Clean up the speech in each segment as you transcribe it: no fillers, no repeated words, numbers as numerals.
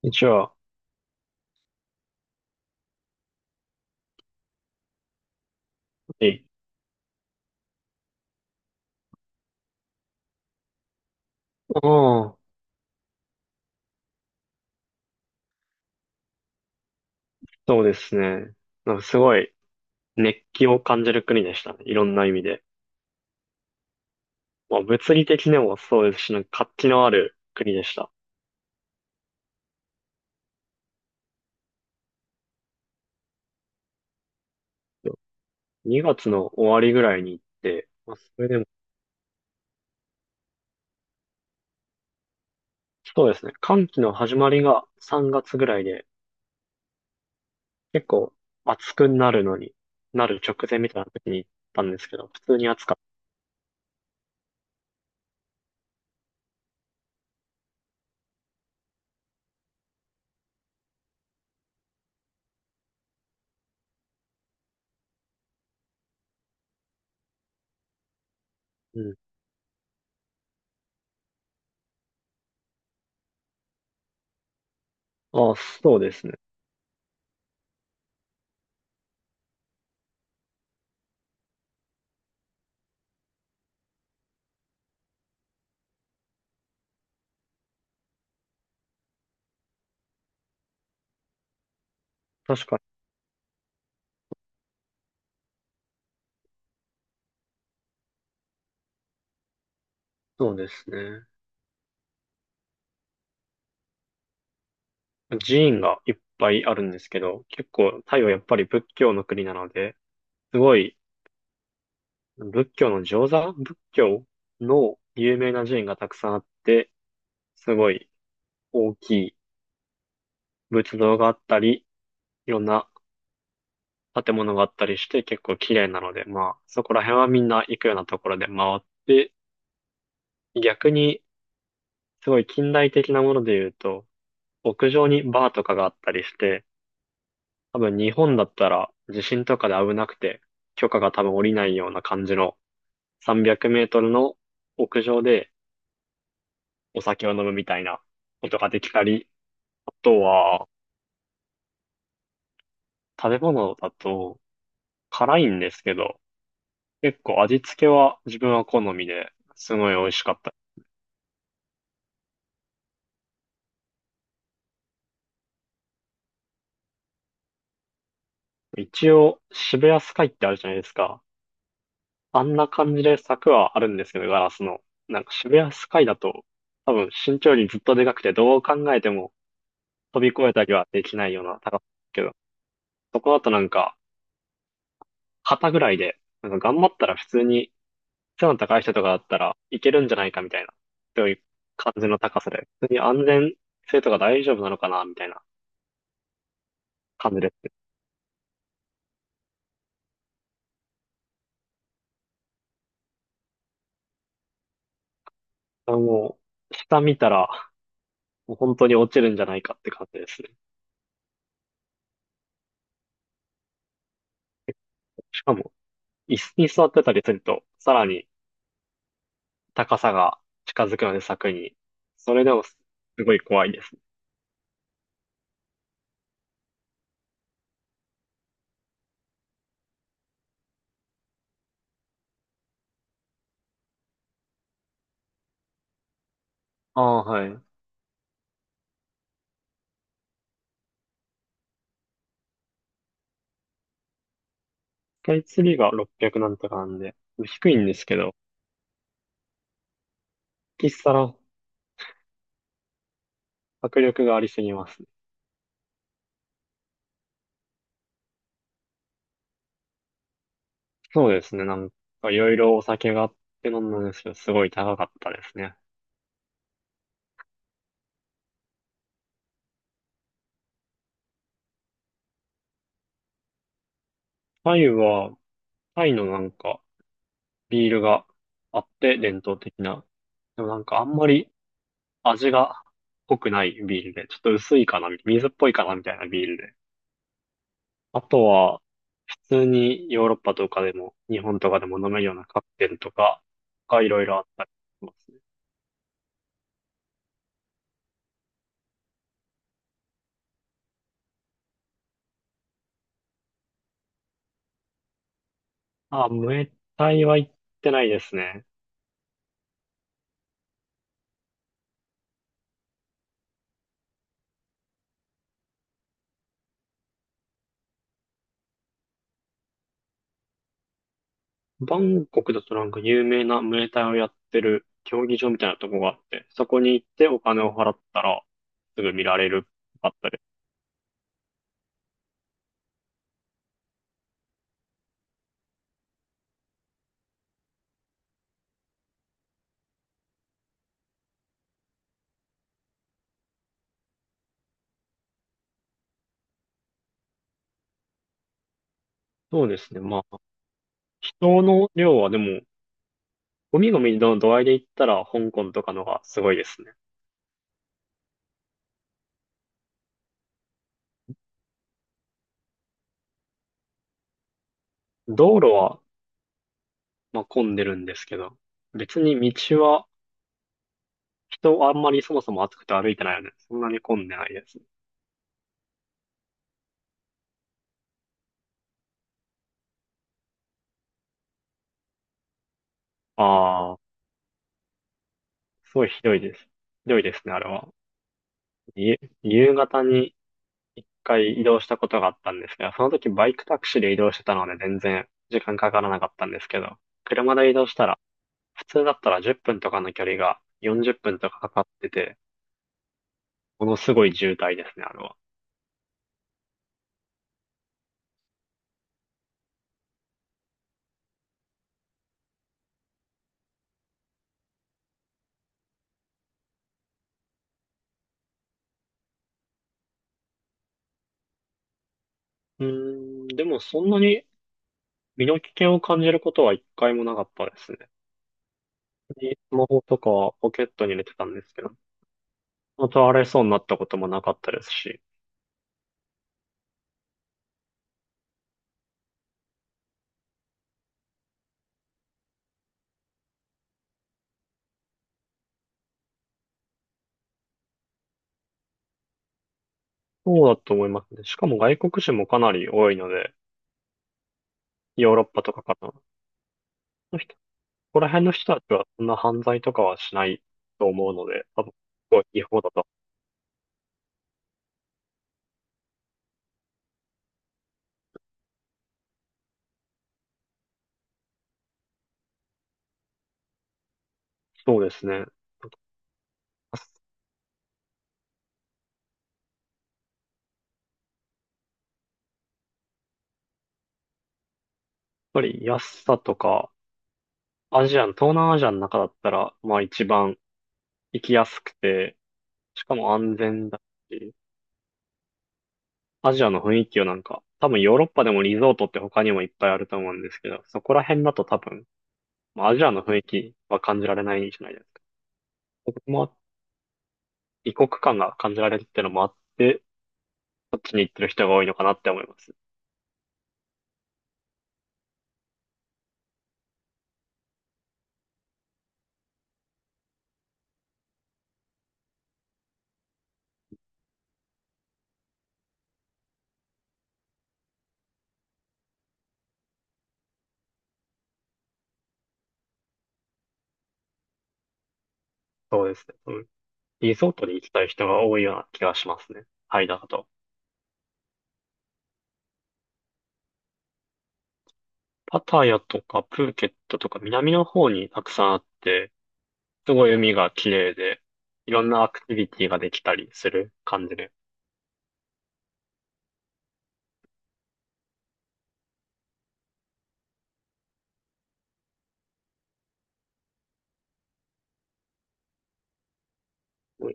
一応、はい。ああそうですね。なんかすごい熱気を感じる国でしたね。いろんな意味で。まあ、物理的にもそうですし、なんか活気のある国でした。2月の終わりぐらいに行って、まあ、それでも、そうですね。寒気の始まりが3月ぐらいで、結構暑くなるのに、なる直前みたいな時に行ったんですけど、普通に暑かった。うん。ああ、そうですね。確かに。そうですね。寺院がいっぱいあるんですけど、結構タイはやっぱり仏教の国なので、すごい仏教の上座仏教の有名な寺院がたくさんあって、すごい大きい仏像があったり、いろんな建物があったりして結構綺麗なので、まあそこら辺はみんな行くようなところで回って、逆にすごい近代的なもので言うと、屋上にバーとかがあったりして、多分日本だったら地震とかで危なくて、許可が多分下りないような感じの300メートルの屋上でお酒を飲むみたいなことができたり、あとは、食べ物だと辛いんですけど、結構味付けは自分は好みですごい美味しかった。一応、渋谷スカイってあるじゃないですか。あんな感じで柵はあるんですけど、ガラスの。なんか渋谷スカイだと、多分身長よりずっとでかくて、どう考えても飛び越えたりはできないような高さだけど、そこだとなんか、肩ぐらいで、なんか頑張ったら普通に背の高い人とかだったらいけるんじゃないかみたいな、そういう感じの高さで、普通に安全性とか大丈夫なのかなみたいな感じですね。もう、下見たら、もう本当に落ちるんじゃないかって感じですね。しかも、椅子に座ってたりすると、さらに高さが近づくので柵に、それでもすごい怖いです。ああ、はい。スカイツリーが600なんとかなんで、低いんですけど、一皿迫力がありすぎます。そうですね。なんかいろいろお酒があって飲んだんですけど、すごい高かったですね。タイは、タイのなんかビールがあって伝統的な。でもなんかあんまり味が濃くないビールで、ちょっと薄いかな、水っぽいかなみたいなビールで。あとは、普通にヨーロッパとかでも、日本とかでも飲めるようなカクテルとかがいろいろあったりしますね。あ、ムエタイは行ってないですね。バンコクだとなんか有名なムエタイをやってる競技場みたいなとこがあって、そこに行ってお金を払ったらすぐ見られるかったり。そうですね。まあ、人の量はでも、ゴミゴミの度合いで言ったら香港とかのがすごいですね。道路は、まあ、混んでるんですけど、別に道は人あんまりそもそも暑くて歩いてないよね。そんなに混んでないです。ああ、すごいひどいです。ひどいですね、あれは。い夕方に一回移動したことがあったんですけど、その時バイクタクシーで移動してたので全然時間かからなかったんですけど、車で移動したら、普通だったら10分とかの距離が40分とかかかってて、ものすごい渋滞ですね、あれは。うーん、でもそんなに身の危険を感じることは一回もなかったですね。スマホとかはポケットに入れてたんですけど、倒れそうになったこともなかったですし、そうだと思いますね。しかも外国人もかなり多いので、ヨーロッパとかからのここら辺の人たちはそんな犯罪とかはしないと思うので、多分、すごい違法だと。そうですね。やっぱり安さとか、アジアの、東南アジアの中だったら、まあ一番行きやすくて、しかも安全だし、アジアの雰囲気をなんか、多分ヨーロッパでもリゾートって他にもいっぱいあると思うんですけど、そこら辺だと多分、まあ、アジアの雰囲気は感じられないんじゃないですか。ここも異国感が感じられるってのもあって、そっちに行ってる人が多いのかなって思います。そうですね。うん、リゾートに行きたい人が多いような気がしますね。タイだと。パタヤとかプーケットとか南の方にたくさんあって、すごい海が綺麗で、いろんなアクティビティができたりする感じで。ウ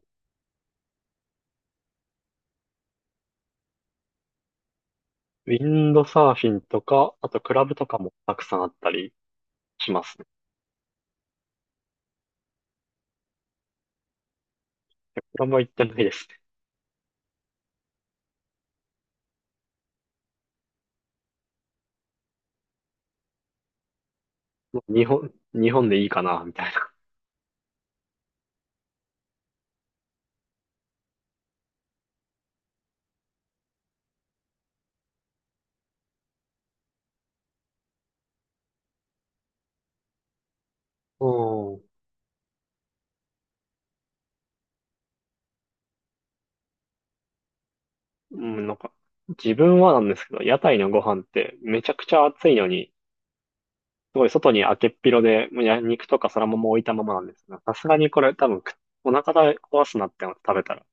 ィンドサーフィンとか、あとクラブとかもたくさんあったりしますね。クラブは行ってないですね。日本、日本でいいかな、みたいな。うん。うん、なんか、自分はなんですけど、屋台のご飯ってめちゃくちゃ暑いのに、すごい外に開けっ広で、もうや肉とかそらもも置いたままなんですが、さすがにこれ多分くお腹壊すなって思って食べたら。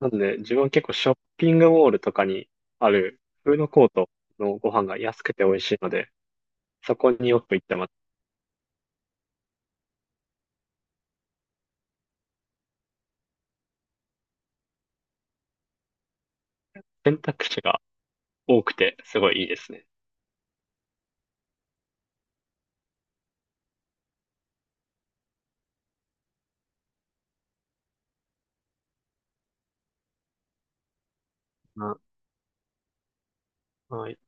なので自分は結構ショッピングモールとかにあるフードコートのご飯が安くて美味しいので、そこによく行ってます。選択肢が多くてすごいいいですね。な、はい。